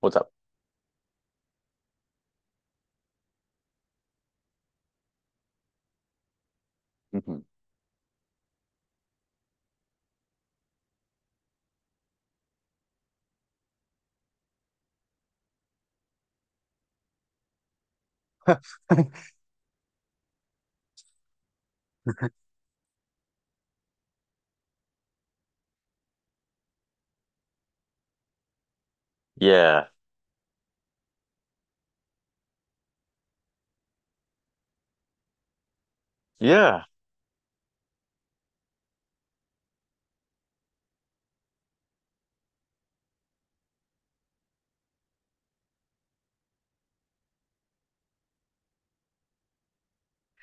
What's up? Mhm. Yeah. Yeah.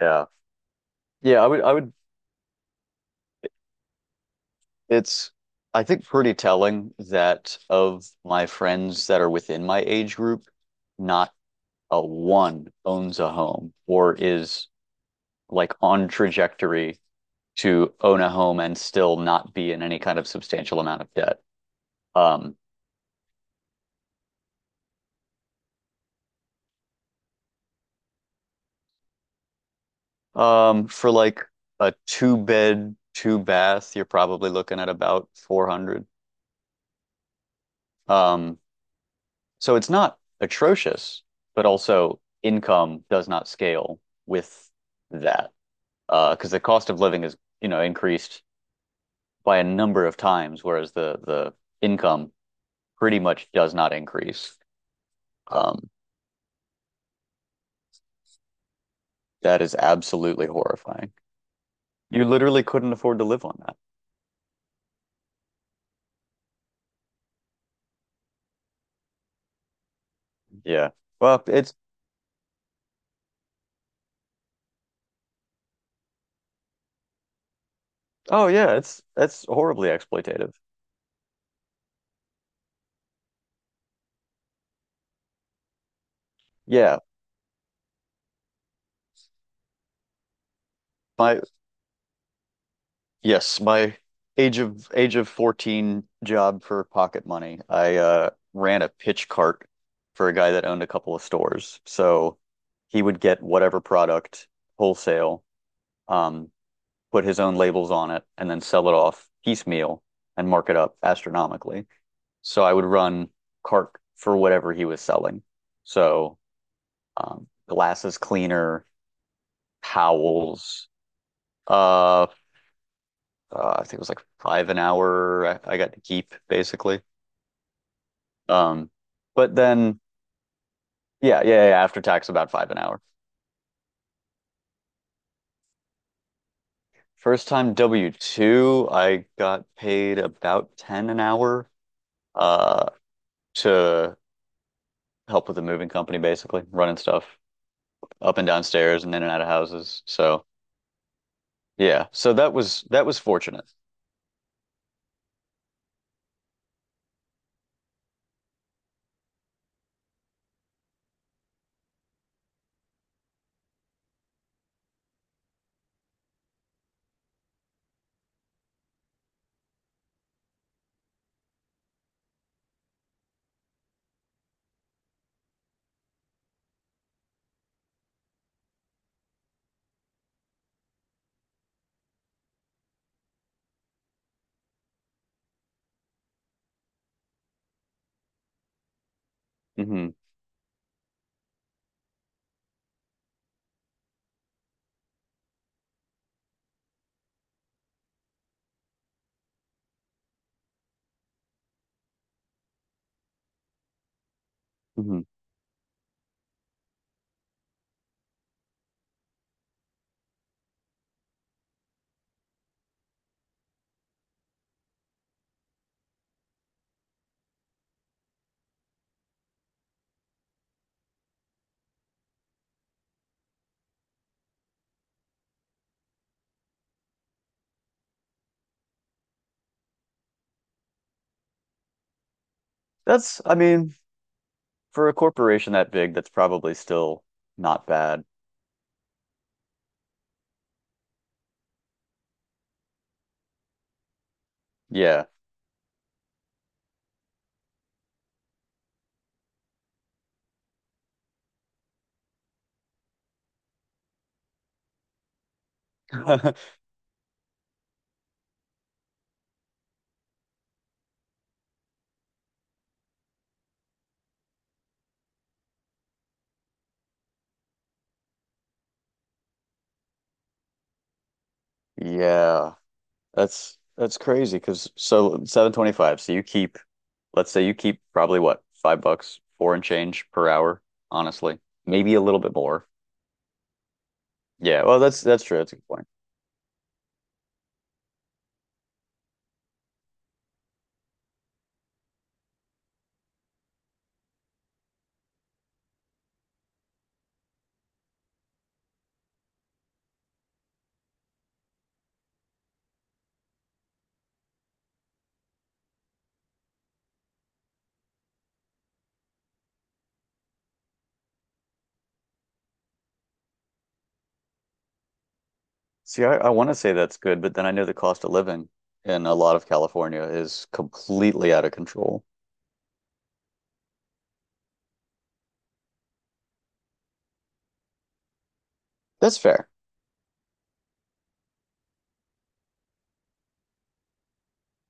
Yeah. Yeah, I would It's I think pretty telling that of my friends that are within my age group, not a one owns a home or is like on trajectory to own a home and still not be in any kind of substantial amount of debt. Um, for like a two bed, two bath, you're probably looking at about 400. Um, So it's not atrocious, but also income does not scale with that because the cost of living is, you know, increased by a number of times, whereas the income pretty much does not increase. Um, that is absolutely horrifying. You literally couldn't afford to live on that. Yeah. Well, it's oh yeah, it's that's horribly exploitative. Yeah. My Yes, my age of 14 job for pocket money. I ran a pitch cart for a guy that owned a couple of stores. So he would get whatever product wholesale, um, put his own labels on it, and then sell it off piecemeal and mark it up astronomically. So I would run cart for whatever he was selling. So glasses cleaner, towels, uh, I think it was like five an hour I got to keep basically. Um, but then yeah, after tax about five an hour. First time W-2, I got paid about 10 an hour uh to help with the moving company basically, running stuff up and downstairs and in and out of houses. So, yeah. So that was fortunate. hmm hmm That's I mean, for a corporation that big, that's probably still not bad. Yeah. Yeah. That's crazy because so 725. So you keep, let's say you keep probably what, $5, four and change per hour, honestly. Maybe a little bit more. Yeah, well that's true. That's a good point. See, I want to say that's good, but then I know the cost of living in a lot of California is completely out of control. That's fair.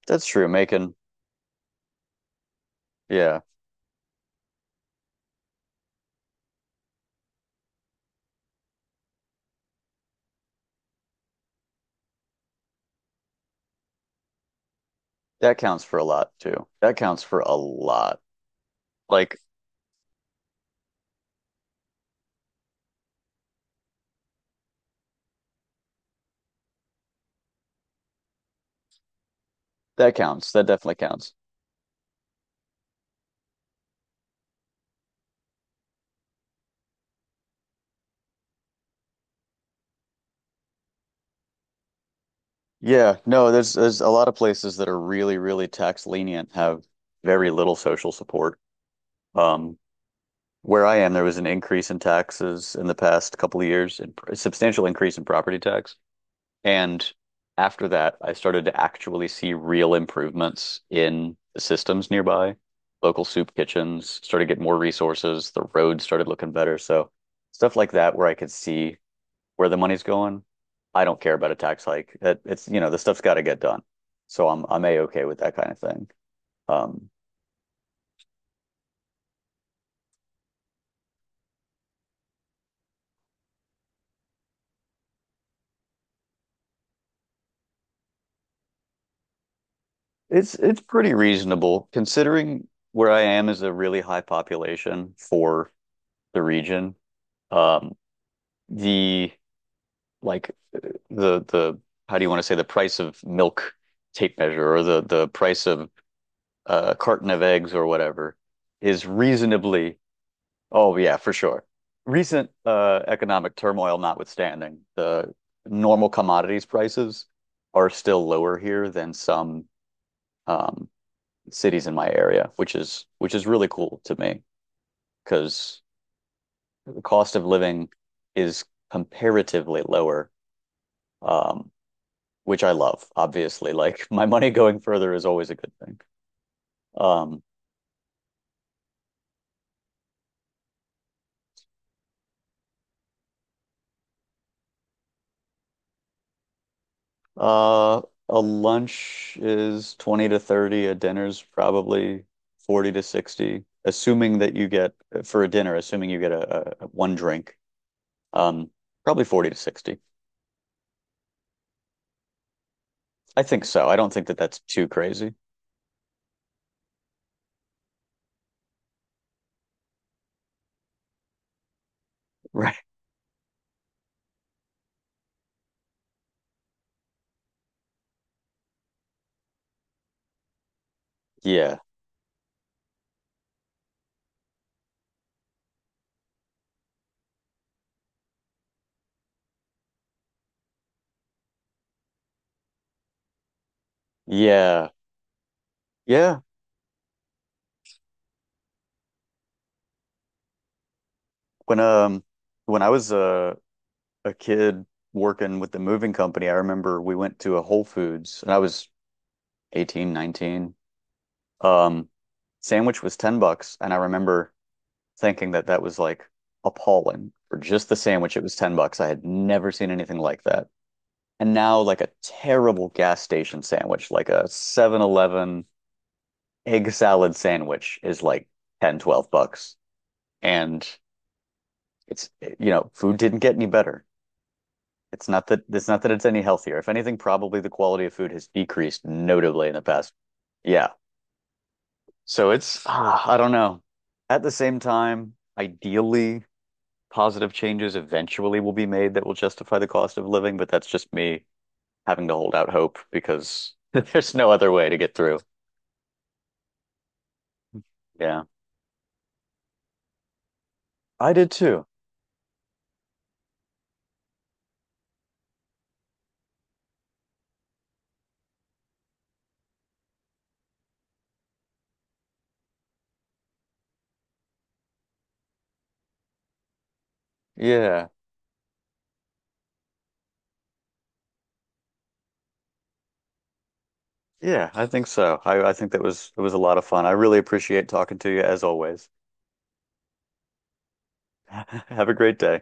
That's true. Making, yeah, that counts for a lot too. That counts for a lot. Like that counts. That definitely counts. Yeah, no, there's a lot of places that are really, really tax lenient, have very little social support. Um, where I am, there was an increase in taxes in the past couple of years, and a substantial increase in property tax. And after that, I started to actually see real improvements in the systems nearby. Local soup kitchens started to get more resources. The roads started looking better. So stuff like that where I could see where the money's going, I don't care about a tax hike. It's you know the stuff's got to get done, so I'm a okay with that kind of thing. Um, it's pretty reasonable considering where I am is a really high population for the region. Um, the like the how do you want to say the price of milk tape measure or the price of a carton of eggs or whatever is reasonably. Oh, yeah, for sure. Recent economic turmoil notwithstanding, the normal commodities prices are still lower here than some um, cities in my area, which is really cool to me because the cost of living is comparatively lower, um, which I love, obviously. Like my money going further is always a good thing. Um, Uh, a lunch is 20 to 30, a dinner's probably 40 to 60, assuming that you get for a dinner, assuming you get a one drink, um, probably 40 to 60. I think so. I don't think that that's too crazy. Right. Yeah. Yeah. Yeah. When um when I was a kid working with the moving company, I remember we went to a Whole Foods and I was 18, 19. Um, Sandwich was 10 bucks and I remember thinking that that was like appalling for just the sandwich. It was 10 bucks. I had never seen anything like that. And now, like a terrible gas station sandwich, like a 7-Eleven egg salad sandwich, is like 10, 12 bucks. And it's, you know, food didn't get any better. It's not that it's any healthier. If anything, probably the quality of food has decreased notably in the past. Yeah. So it's, ah, I don't know. At the same time, ideally, positive changes eventually will be made that will justify the cost of living, but that's just me having to hold out hope because there's no other way to get through. Yeah. I did too. Yeah. Yeah, I think so. I think that was it was a lot of fun. I really appreciate talking to you as always. Have a great day.